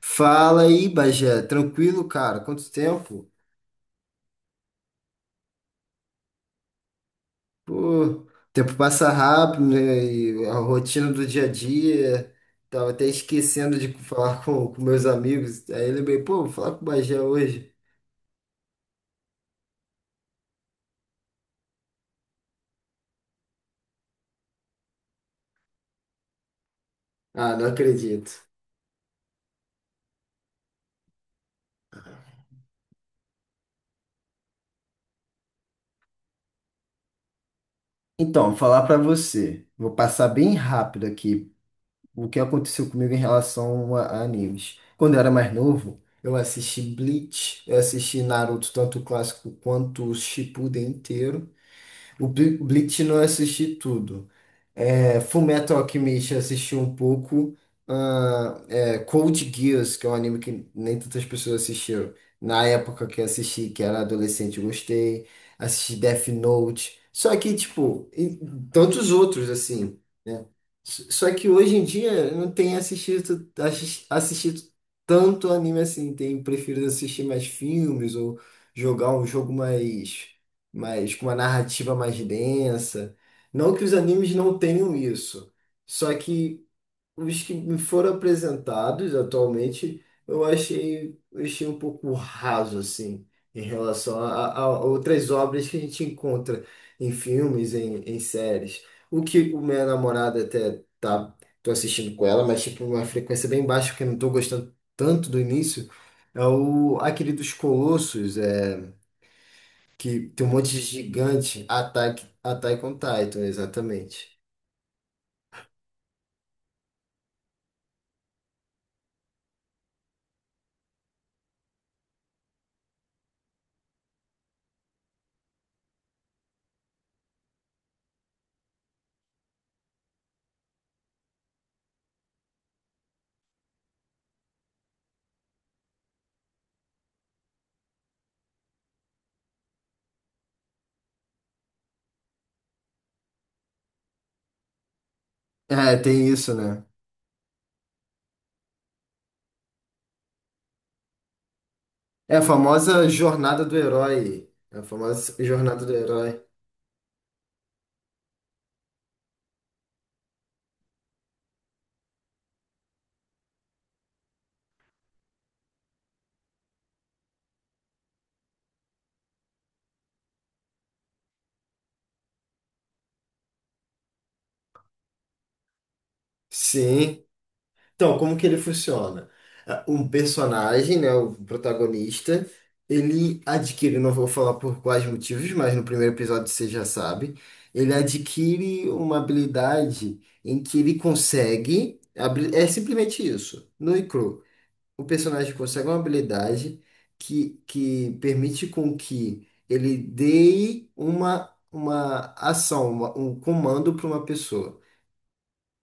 Fala aí, Bagé. Tranquilo, cara? Quanto tempo? Pô, o tempo passa rápido, né? E a rotina do dia a dia. Tava até esquecendo de falar com meus amigos. Aí lembrei, pô, vou falar com o Bagé hoje. Ah, não acredito. Então, vou falar pra você. Vou passar bem rápido aqui o que aconteceu comigo em relação a animes. Quando eu era mais novo, eu assisti Bleach, eu assisti Naruto, tanto o clássico quanto o Shippuden inteiro. Bleach não assisti tudo. É, Fullmetal Alchemist eu assisti um pouco. Ah, é, Code Geass, que é um anime que nem tantas pessoas assistiram. Na época que eu assisti, que era adolescente, eu gostei. Assisti Death Note. Só que, tipo, e tantos outros, assim, né? Só que hoje em dia eu não tenho assistido tanto anime assim. Tenho preferido assistir mais filmes ou jogar um jogo mais com uma narrativa mais densa. Não que os animes não tenham isso, só que os que me foram apresentados atualmente, eu achei um pouco raso, assim, em relação a outras obras que a gente encontra em filmes, em séries. O que o minha namorada até tá, tô assistindo com ela, mas tipo uma frequência bem baixa, porque eu não tô gostando tanto do início, é o aquele dos Colossos, é, que tem um monte de gigante, Attack on Titan, exatamente. É, tem isso, né? É a famosa jornada do herói. É a famosa jornada do herói. Sim. Então, como que ele funciona? Ah, um personagem, né, o protagonista, ele adquire, não vou falar por quais motivos, mas no primeiro episódio você já sabe, ele adquire uma habilidade em que ele consegue, abrir. É simplesmente isso, no e cru. O personagem consegue uma habilidade que permite com que ele dê uma ação, um comando para uma pessoa.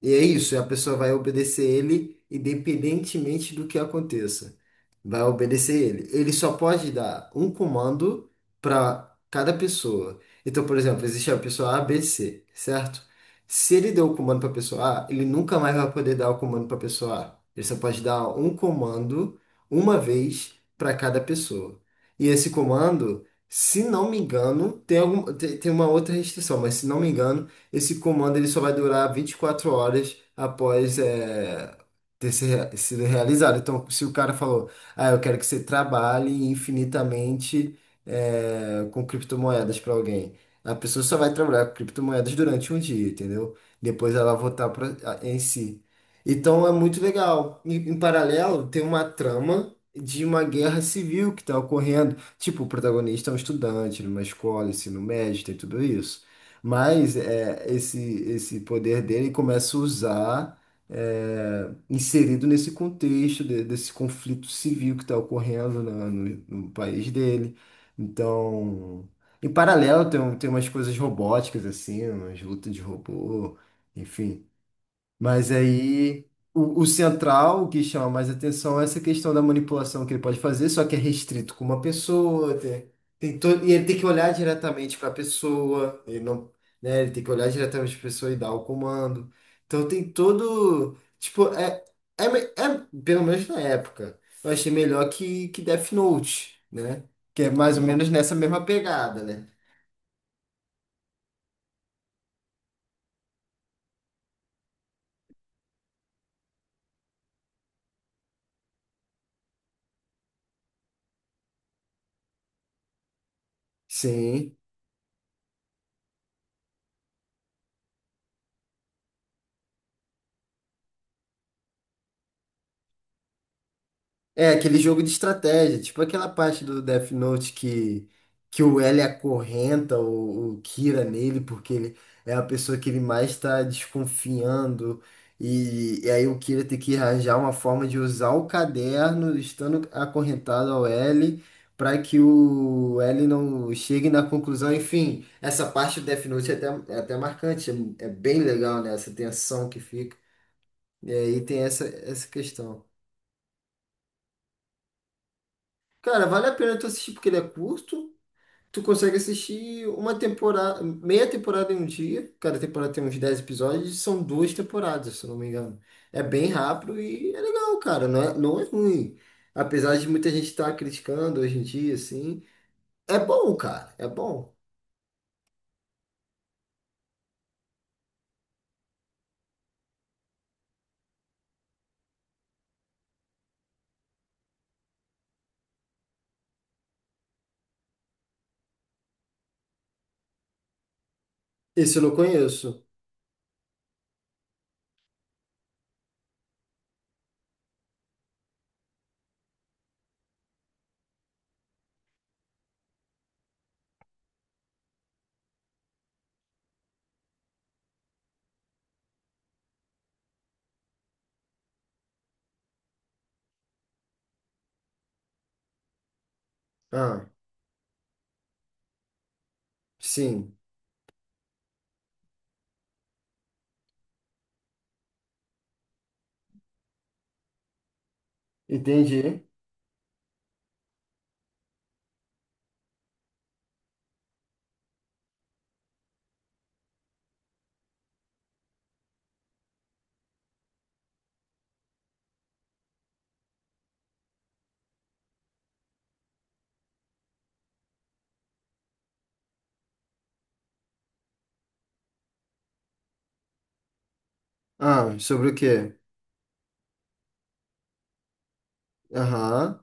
E é isso, a pessoa vai obedecer ele independentemente do que aconteça. Vai obedecer ele. Ele só pode dar um comando para cada pessoa. Então, por exemplo, existe a pessoa ABC, certo? Se ele deu o comando para a pessoa A, ele nunca mais vai poder dar o comando para a pessoa A. Ele só pode dar um comando uma vez para cada pessoa. E esse comando, se não me engano, tem uma outra restrição, mas se não me engano, esse comando ele só vai durar 24 horas após é, ter se rea- sido realizado. Então, se o cara falou, ah, eu quero que você trabalhe infinitamente é, com criptomoedas para alguém, a pessoa só vai trabalhar com criptomoedas durante um dia, entendeu? Depois ela voltar pra, em si. Então é muito legal. Em paralelo, tem uma trama de uma guerra civil que está ocorrendo. Tipo, o protagonista é um estudante numa escola, ensino médio, tem tudo isso. Mas é, esse poder dele começa a usar, é, inserido nesse contexto desse conflito civil que está ocorrendo no país dele. Então, em paralelo, tem umas coisas robóticas, assim, umas lutas de robô, enfim. Mas aí o central, o que chama mais atenção é essa questão da manipulação que ele pode fazer, só que é restrito com uma pessoa, e ele tem que olhar diretamente para a pessoa, ele não, né, ele tem que olhar diretamente para a pessoa e dar o comando. Então tem todo, tipo, é pelo menos na época, eu achei melhor que Death Note, né? Que é mais ou menos nessa mesma pegada, né? Sim. É, aquele jogo de estratégia, tipo aquela parte do Death Note que o L acorrenta o Kira nele, porque ele é a pessoa que ele mais está desconfiando, e aí o Kira tem que arranjar uma forma de usar o caderno, estando acorrentado ao L, para que o L não chegue na conclusão. Enfim, essa parte do Death Note é até marcante, é, é bem legal, né? Essa tensão que fica. E aí tem essa questão. Cara, vale a pena tu assistir porque ele é curto. Tu consegue assistir uma temporada, meia temporada em um dia. Cada temporada tem uns 10 episódios, são duas temporadas, se eu não me engano. É bem rápido e é legal, cara. Não é ruim. Apesar de muita gente estar criticando hoje em dia, assim. É bom, cara. É bom. Esse eu não conheço. Ah, sim. Entendi. Ah, sobre o quê? Aham.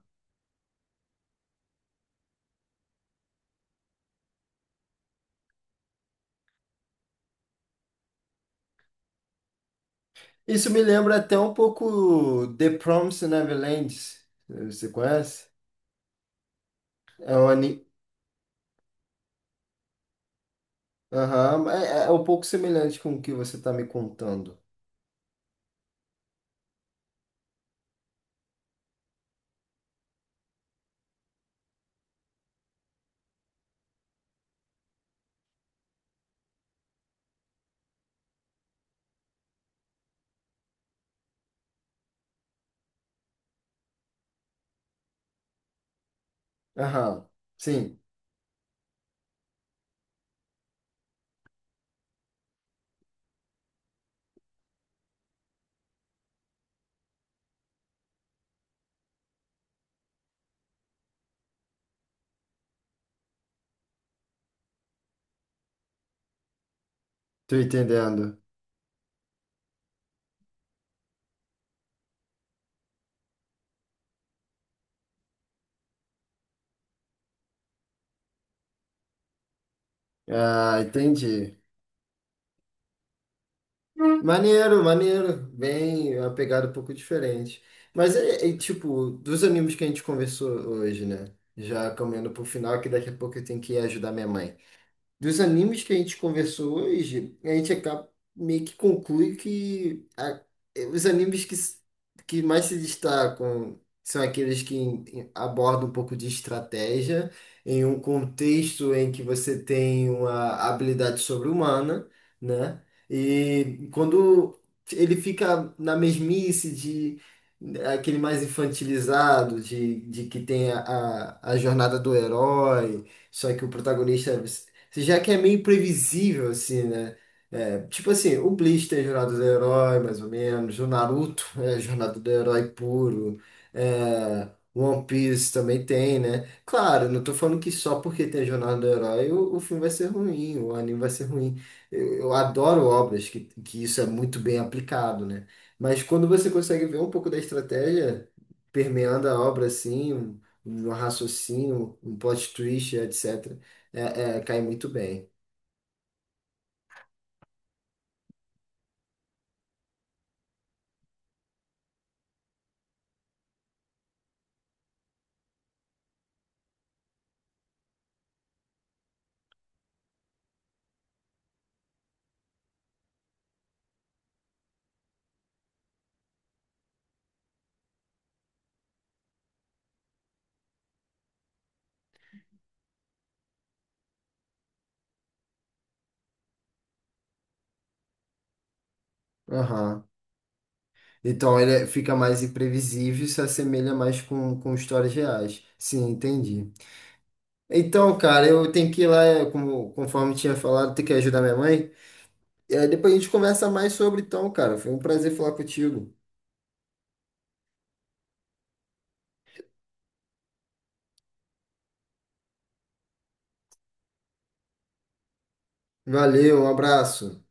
Isso me lembra até um pouco The Promised Neverland. Você conhece? É um, ani- Aham, é, é um pouco semelhante com o que você está me contando. Aham, sim, tô entendendo. Ah, entendi. Maneiro, maneiro. Bem, é uma pegada um pouco diferente. Mas é, é, tipo, dos animes que a gente conversou hoje, né? Já caminhando pro final, que daqui a pouco eu tenho que ir ajudar minha mãe. Dos animes que a gente conversou hoje, a gente acaba, meio que conclui eh, os animes que mais se destacam são aqueles que abordam um pouco de estratégia em um contexto em que você tem uma habilidade sobre-humana, né? E quando ele fica na mesmice de eh, aquele mais infantilizado, de que tem a jornada do herói, só que o protagonista é já que é meio previsível, assim, né? É, tipo assim, o Bleach tem Jornada do Herói, mais ou menos. O Naruto é Jornada do Herói puro. É, One Piece também tem, né? Claro, não tô falando que só porque tem Jornada do Herói o filme vai ser ruim, o anime vai ser ruim. Eu adoro obras que isso é muito bem aplicado, né? Mas quando você consegue ver um pouco da estratégia permeando a obra, assim, um raciocínio, um plot twist, etc. É, é, cai muito bem. Aham. Então ele é- fica mais imprevisível e se assemelha mais com histórias reais. Sim, entendi. Então, cara, eu tenho que ir lá, é, como, conforme tinha falado, ter que ajudar minha mãe. E aí depois a gente conversa mais sobre, então, cara. Foi um prazer falar contigo. Valeu, um abraço.